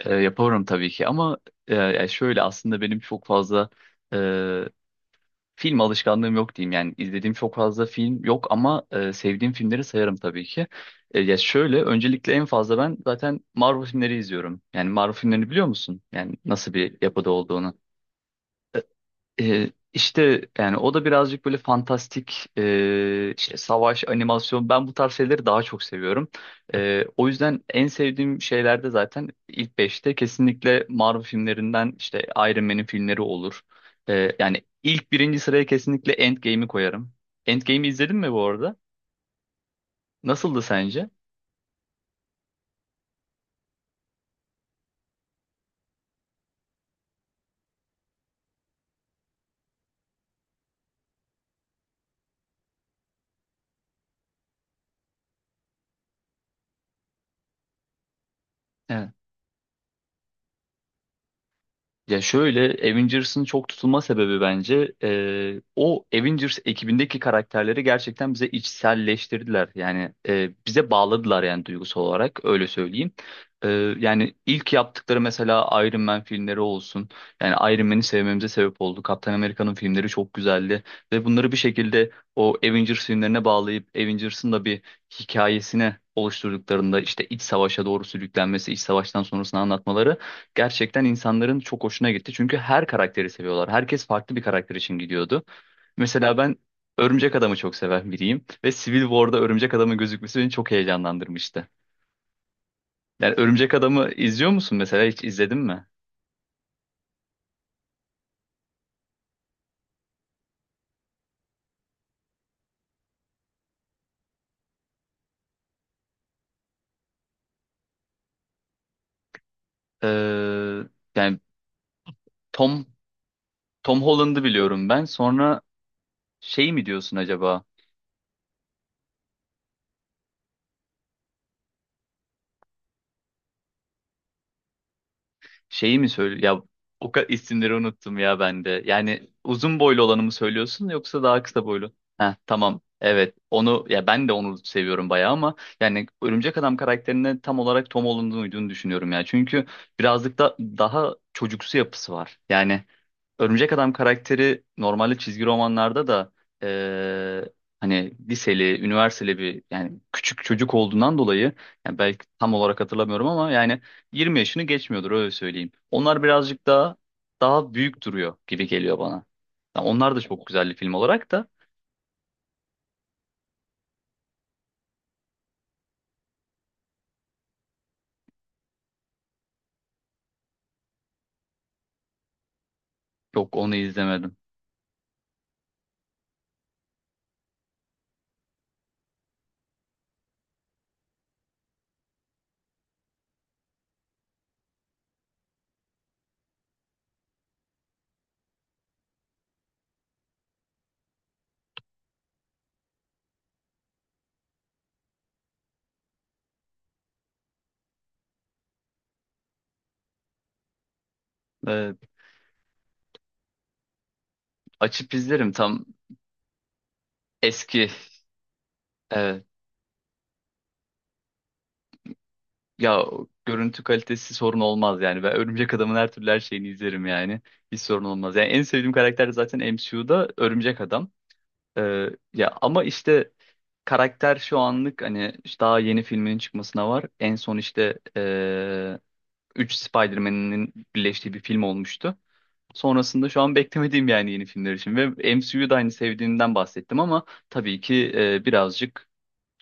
Yaparım tabii ki ama yani şöyle aslında benim çok fazla e, film alışkanlığım yok diyeyim. Yani izlediğim çok fazla film yok ama sevdiğim filmleri sayarım tabii ki. Ya şöyle öncelikle en fazla ben zaten Marvel filmleri izliyorum. Yani Marvel filmlerini biliyor musun? Yani nasıl bir yapıda olduğunu. İşte yani o da birazcık böyle fantastik işte savaş animasyon ben bu tarz şeyleri daha çok seviyorum. O yüzden en sevdiğim şeylerde zaten ilk beşte kesinlikle Marvel filmlerinden işte Iron Man'in filmleri olur. Yani ilk birinci sıraya kesinlikle Endgame'i koyarım. Endgame'i izledin mi bu arada? Nasıldı sence? Ya şöyle Avengers'ın çok tutulma sebebi bence o Avengers ekibindeki karakterleri gerçekten bize içselleştirdiler. Yani bize bağladılar yani duygusal olarak öyle söyleyeyim. E, Yani ilk yaptıkları mesela Iron Man filmleri olsun. Yani Iron Man'i sevmemize sebep oldu. Kaptan Amerika'nın filmleri çok güzeldi. Ve bunları bir şekilde o Avengers filmlerine bağlayıp Avengers'ın da bir hikayesine oluşturduklarında işte iç savaşa doğru sürüklenmesi, iç savaştan sonrasını anlatmaları gerçekten insanların çok hoşuna gitti. Çünkü her karakteri seviyorlar. Herkes farklı bir karakter için gidiyordu. Mesela ben Örümcek Adam'ı çok seven biriyim ve Civil War'da Örümcek Adam'ın gözükmesi beni çok heyecanlandırmıştı. Yani Örümcek Adam'ı izliyor musun mesela hiç izledin mi? Ee, Yani Tom Tom Holland'ı biliyorum ben. Sonra şey mi diyorsun acaba? Şeyi mi söyle ya o kadar isimleri unuttum ya ben de. Yani uzun boylu olanı mı söylüyorsun yoksa daha kısa boylu? Heh, tamam. Evet. Onu ya ben de onu seviyorum bayağı ama yani Örümcek Adam karakterine tam olarak Tom Holland'ın uyduğunu düşünüyorum ya. Çünkü birazcık da daha çocuksu yapısı var. Yani Örümcek Adam karakteri normalde çizgi romanlarda da eee, hani liseli, üniversiteli bir yani küçük çocuk olduğundan dolayı yani belki tam olarak hatırlamıyorum ama yani 20 yaşını geçmiyordur öyle söyleyeyim. Onlar birazcık daha büyük duruyor gibi geliyor bana. Yani onlar da çok güzel bir film olarak da yok onu izlemedim. Eee, Açıp izlerim tam eski evet. Ya görüntü kalitesi sorun olmaz yani. Ben Örümcek Adam'ın her türlü her şeyini izlerim yani. Hiç sorun olmaz. Yani en sevdiğim karakter zaten MCU'da Örümcek Adam. Ee, Ya ama işte karakter şu anlık hani işte daha yeni filminin çıkmasına var. En son işte 3 Spider-Man'in birleştiği bir film olmuştu. Sonrasında şu an beklemediğim yani yeni filmler için. Ve MCU'da aynı sevdiğimden bahsettim ama tabii ki birazcık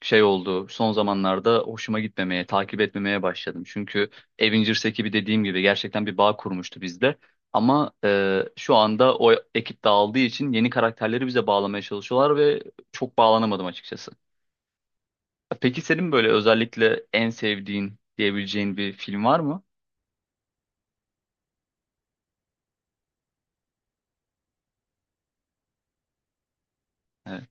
şey oldu. Son zamanlarda hoşuma gitmemeye, takip etmemeye başladım. Çünkü Avengers ekibi dediğim gibi gerçekten bir bağ kurmuştu bizde. Ama şu anda o ekip dağıldığı için yeni karakterleri bize bağlamaya çalışıyorlar ve çok bağlanamadım açıkçası. Peki senin böyle özellikle en sevdiğin diyebileceğin bir film var mı? Evet.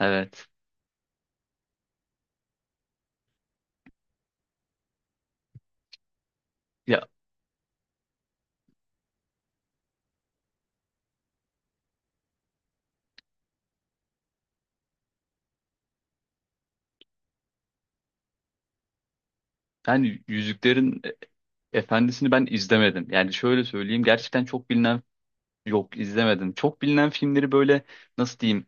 Evet. Ya yani Yüzüklerin Efendisi'ni ben izlemedim. Yani şöyle söyleyeyim gerçekten çok bilinen yok izlemedim. Çok bilinen filmleri böyle nasıl diyeyim.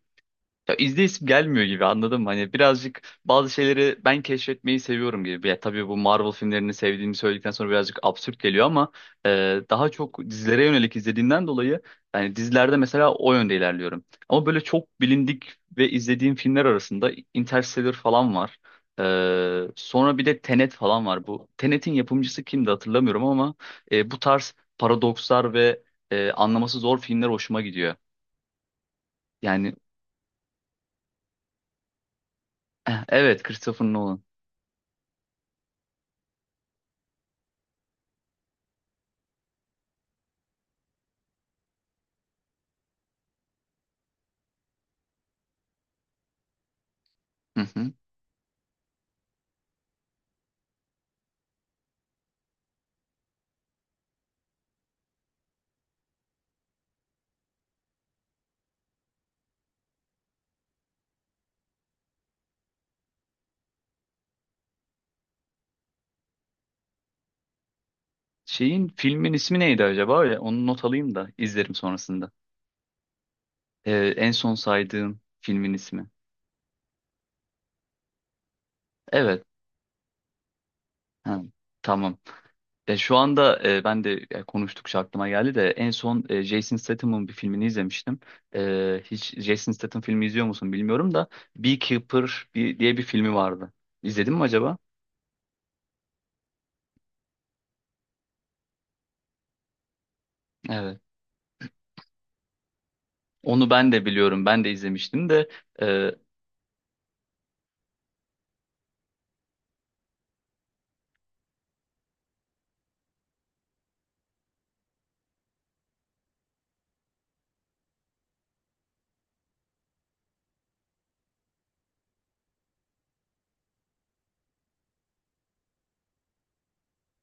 Ya izleyip gelmiyor gibi anladım mı? Hani birazcık bazı şeyleri ben keşfetmeyi seviyorum gibi. Ya tabii bu Marvel filmlerini sevdiğimi söyledikten sonra birazcık absürt geliyor ama daha çok dizilere yönelik izlediğimden dolayı yani dizilerde mesela o yönde ilerliyorum. Ama böyle çok bilindik ve izlediğim filmler arasında Interstellar falan var. Sonra bir de Tenet falan var. Bu Tenet'in yapımcısı kimdi hatırlamıyorum ama bu tarz paradokslar ve anlaması zor filmler hoşuma gidiyor. Yani evet Christopher Nolan. Hı hı. Şeyin filmin ismi neydi acaba? Öyle, onu not alayım da izlerim sonrasında. En son saydığım filmin ismi. Evet. Ha, tamam. Ya şu anda ben de ya, konuştukça aklıma geldi de en son Jason Statham'ın bir filmini izlemiştim. Hiç Jason Statham filmi izliyor musun bilmiyorum da Beekeeper bir, diye bir filmi vardı. İzledin mi acaba? Evet. Onu ben de biliyorum. Ben de izlemiştim de e,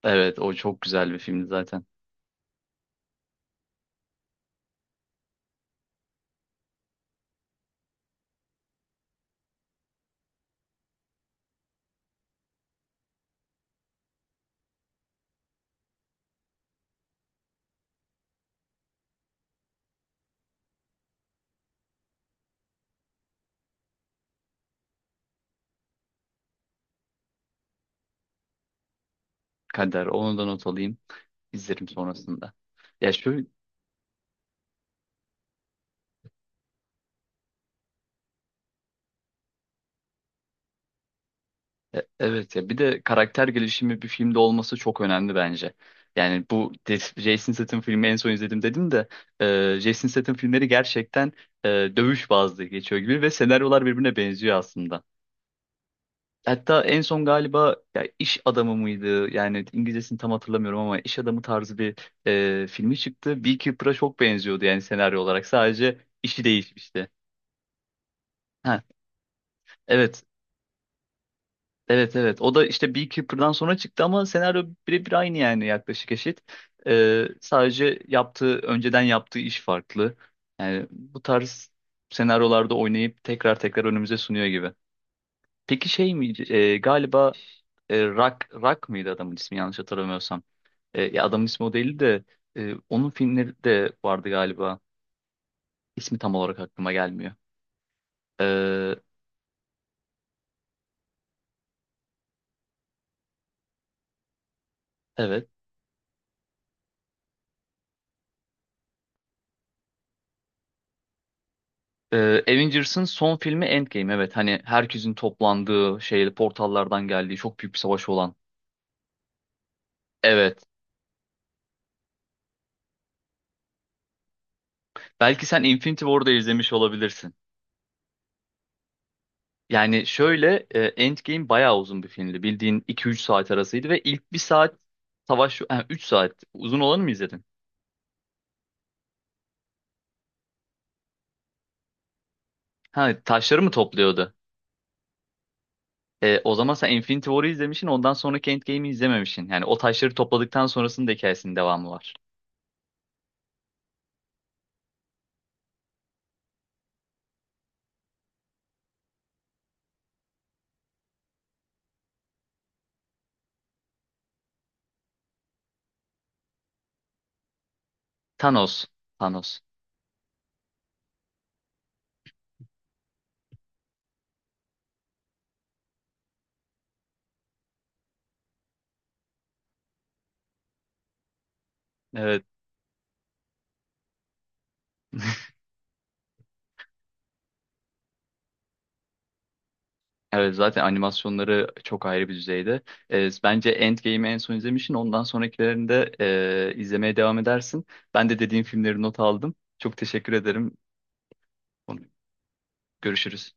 evet o çok güzel bir filmdi zaten. Kader onu da not alayım. İzlerim sonrasında. Ya şöyle evet ya bir de karakter gelişimi bir filmde olması çok önemli bence. Yani bu Jason Statham filmi en son izledim dedim de Jason Statham filmleri gerçekten dövüş bazlı geçiyor gibi ve senaryolar birbirine benziyor aslında. Hatta en son galiba ya iş adamı mıydı? Yani İngilizcesini tam hatırlamıyorum ama iş adamı tarzı bir filmi çıktı. Beekeeper'a çok benziyordu yani senaryo olarak. Sadece işi değişmişti. Ha, evet. Evet evet o da işte Beekeeper'dan sonra çıktı ama senaryo birebir aynı yani yaklaşık eşit. Sadece yaptığı önceden yaptığı iş farklı. Yani bu tarz senaryolarda oynayıp tekrar tekrar önümüze sunuyor gibi. Peki şey mi galiba Rock mıydı adamın ismi yanlış hatırlamıyorsam. Ya adamın ismi o değildi de onun filmleri de vardı galiba. İsmi tam olarak aklıma gelmiyor. Ee, evet. Avengers'ın son filmi Endgame. Evet hani herkesin toplandığı şey portallardan geldiği çok büyük bir savaş olan. Evet. Belki sen Infinity War'da izlemiş olabilirsin. Yani şöyle Endgame bayağı uzun bir filmdi. Bildiğin 2-3 saat arasıydı ve ilk bir saat savaş... Ha, 3 saat. Uzun olanı mı izledin? Ha, taşları mı topluyordu? O zaman sen Infinity War'ı izlemişsin ondan sonraki Endgame'i izlememişsin. Yani o taşları topladıktan sonrasının da hikayesinin devamı var. Thanos. Thanos. Evet. Evet zaten animasyonları çok ayrı bir düzeyde. Bence Endgame'i en son izlemişsin. Ondan sonrakilerini de izlemeye devam edersin. Ben de dediğin filmleri not aldım. Çok teşekkür ederim. Görüşürüz.